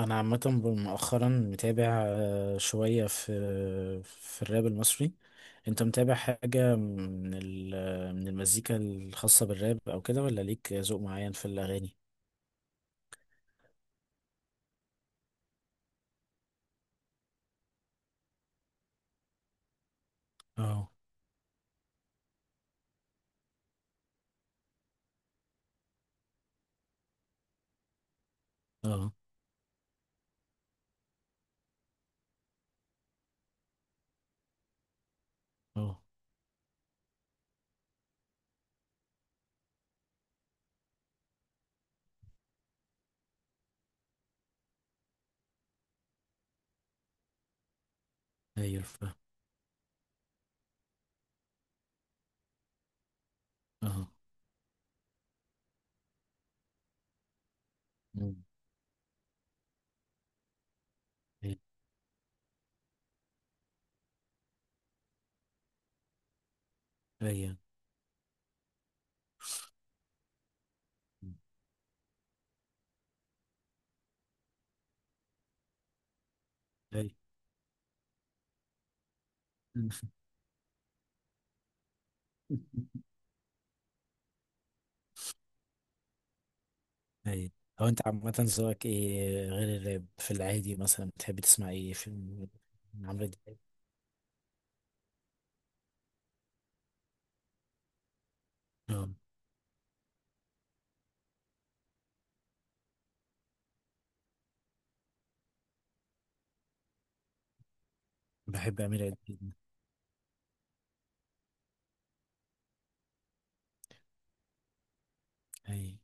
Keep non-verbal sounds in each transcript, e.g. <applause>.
انا عامه مؤخرا متابع شويه في الراب المصري. انت متابع حاجه من المزيكا الخاصه بالراب او كده، ولا ليك ذوق معين في الاغاني؟ اه. اه. اه. ايوه فاهم. اه. مم. ايوه. ايوه. ايوه. <laughs> ايوه. هو انت عامه ذوقك ايه غير الراب؟ في العادي مثلا بتحب تسمع ايه في... عمرو دياب. اه، بحب امير عيد جدا. ايوه.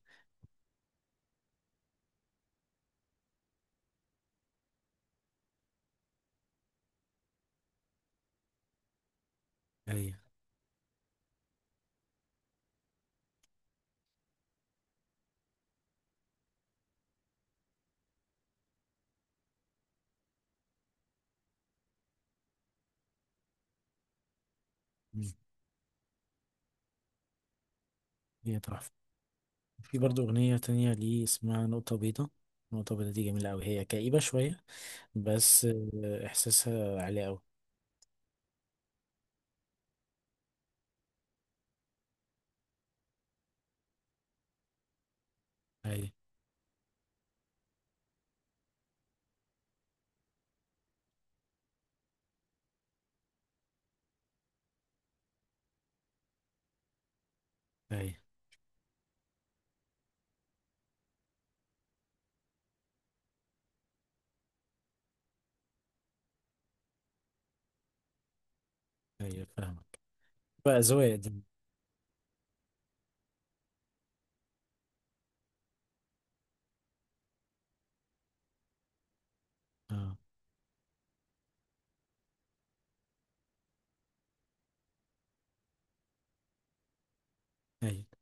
ايوه. مم. هي تحفة. في برضه أغنية تانية ليه اسمها نقطة بيضاء. نقطة بيضاء دي جميلة أوي، هي كئيبة شوية. بس إحساسها عالي أوي. أيوة. أيوة. أيوة، فاهمك. بقى أذواق دي. أه. أيوة،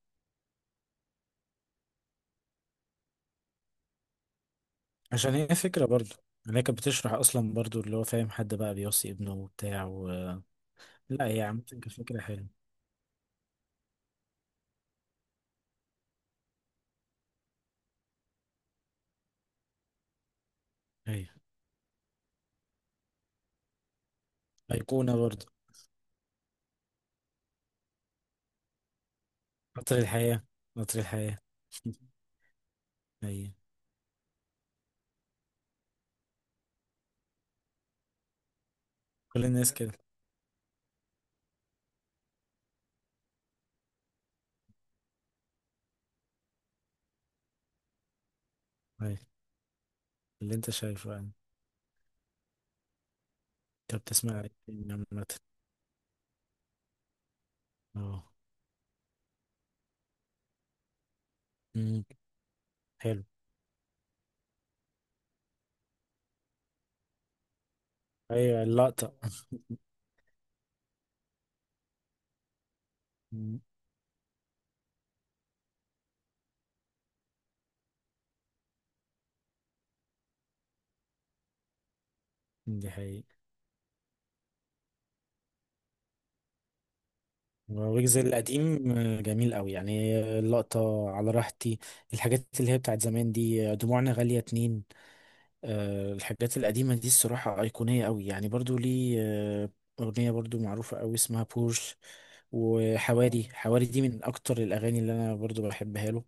عشان هي فكرة برضه. يعني هي كانت بتشرح أصلا برضه، اللي هو فاهم، حد بقى بيوصي ابنه وبتاع و... لا، هي عامة كانت فكرة حلوة. أيوة، أيقونة برضه. قطر الحياة. قطر الحياة. <laughs> أيوة. كل الناس كده. أيوة، اللي أنت شايفه يعني. أنت بتسمع إيه عامة؟ أه. أمم، حلو. ايوه، اللقطة. مم، دي حقيقي. ويجز القديم جميل قوي يعني. اللقطة على راحتي. الحاجات اللي هي بتاعت زمان دي، دموعنا غالية اتنين. الحاجات القديمة دي الصراحة أيقونية قوي يعني، برضو ليه أغنية برضو معروفة قوي اسمها بورش. وحواري حواري دي من أكتر الأغاني اللي أنا برضو بحبها له.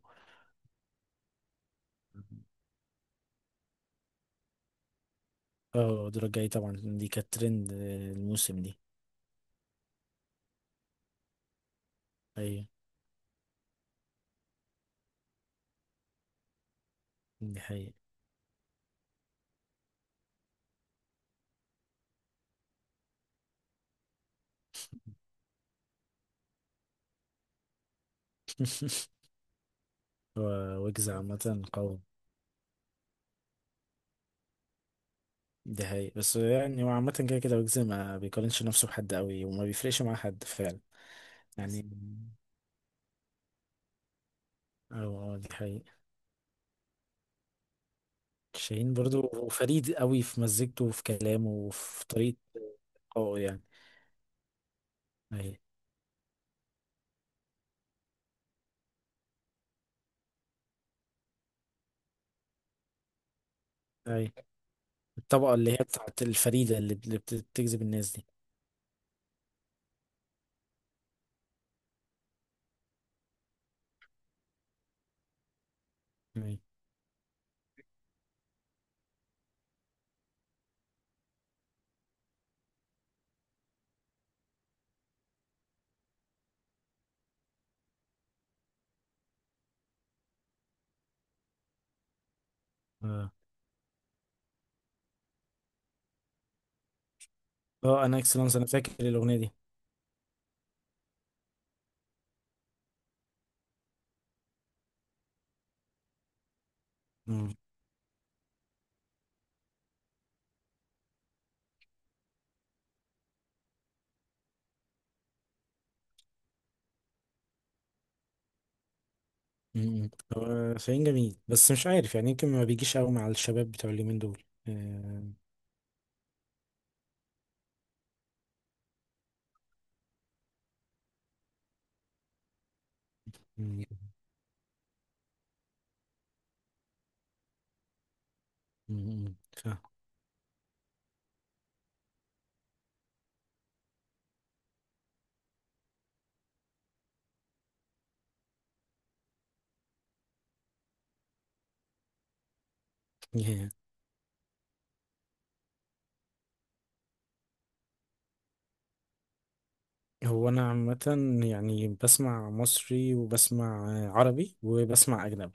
اه، الدرجة الجاية طبعا دي كانت ترند الموسم دي. أيوة، دي حقيقة. <laughs> هو ويجز عامة قوي. دي حقيقة، بس يعني هو عامة كده كده، ويجز ما بيقارنش نفسه بحد قوي وما بيفرقش مع حد فعلا. يعني. اه. دي حقيقة. شاهين برضو فريد قوي في مزجته وفي كلامه وفي طريقة. اه يعني. اي. اي. الطبقة اللي هي بتاعت الفريدة بتجذب الناس دي. اي. اه. اه، انا اكسلانس. انا فاكر الأغنية دي. مم. مم. هو شاهين جميل، بس مش عارف، يعني يمكن ما بيجيش قوي مع الشباب بتوع اليومين دول. مم. مم. فاهم. <laughs> هو انا عامه يعني بسمع مصري، وبسمع عربي، وبسمع اجنبي.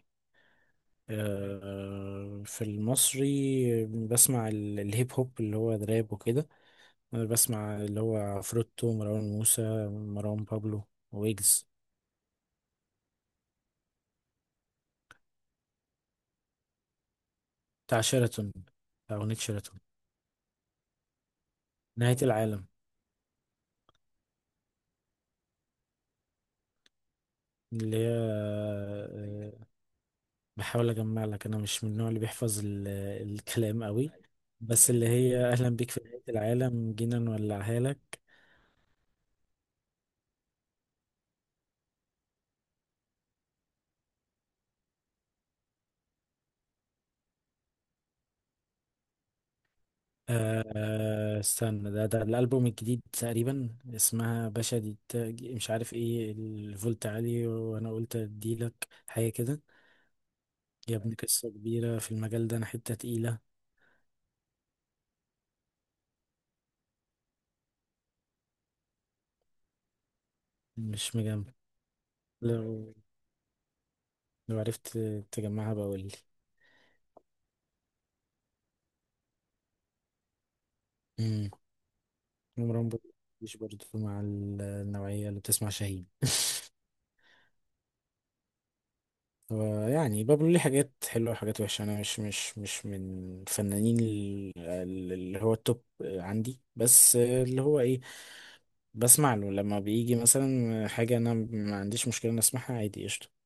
في المصري بسمع الهيب هوب اللي هو دراب وكده. أنا بسمع اللي هو عفروتو، مروان موسى، مروان بابلو، ويجز. بتاع اغنية شيراتون. نهاية العالم اللي هي بحاول اجمع لك، انا مش من النوع اللي بيحفظ الكلام قوي. بس اللي هي "اهلا بيك في نهاية العالم، جينا نولعها لك". استنى، ده الألبوم الجديد تقريبا، اسمها باشا دي، مش عارف ايه، الفولت عالي، وانا قلت اديلك حاجة كده. يا ابني قصة كبيرة في المجال ده، انا حتة تقيلة. مش مجمع. لو لو عرفت تجمعها بقولي. امم عمران مش برضه مع النوعية اللي بتسمع شاهين. <laughs> هو يعني بابلو ليه حاجات حلوة وحاجات وحشة، أنا مش من الفنانين اللي هو التوب عندي، بس اللي هو إيه، بسمع له لما بيجي مثلا حاجة. أنا ما عنديش مشكلة إن أسمعها عادي، قشطة.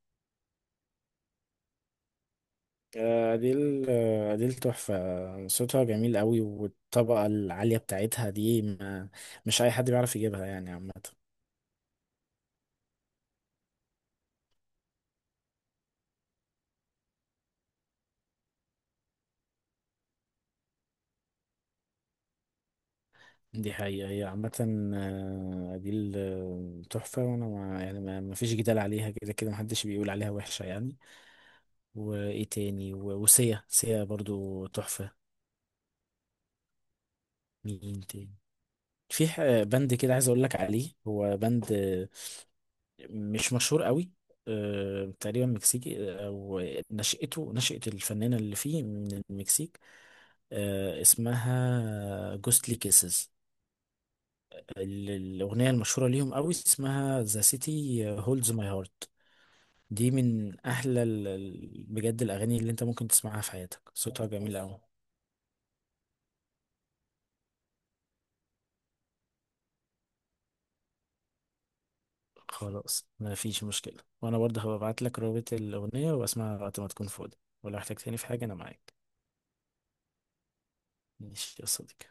أديل. أديل تحفة، صوتها جميل قوي، والطبقة العالية بتاعتها دي ما مش أي حد بيعرف يجيبها يعني عامة. دي حقيقة، هي عامة أديل تحفة، وأنا ما يعني ما ما فيش جدال عليها، كده كده محدش بيقول عليها وحشة يعني. وإيه تاني، وسيا. سيا برضو تحفة. مين تاني؟ في بند كده عايز أقول لك عليه، هو بند مش مشهور قوي. تقريبا مكسيكي، أو نشأته، نشأة الفنانة اللي فيه، من المكسيك. اسمها جوستلي كيسز. الأغنية المشهورة ليهم قوي اسمها ذا سيتي هولدز ماي هارت. دي من أحلى بجد الأغاني اللي أنت ممكن تسمعها في حياتك، صوتها جميل قوي. خلاص، ما فيش مشكلة، وأنا برضه هبعت لك رابط الأغنية وأسمعها وقت ما تكون فاضي. ولو احتجتني في حاجة أنا معاك. ماشي يا صديقي.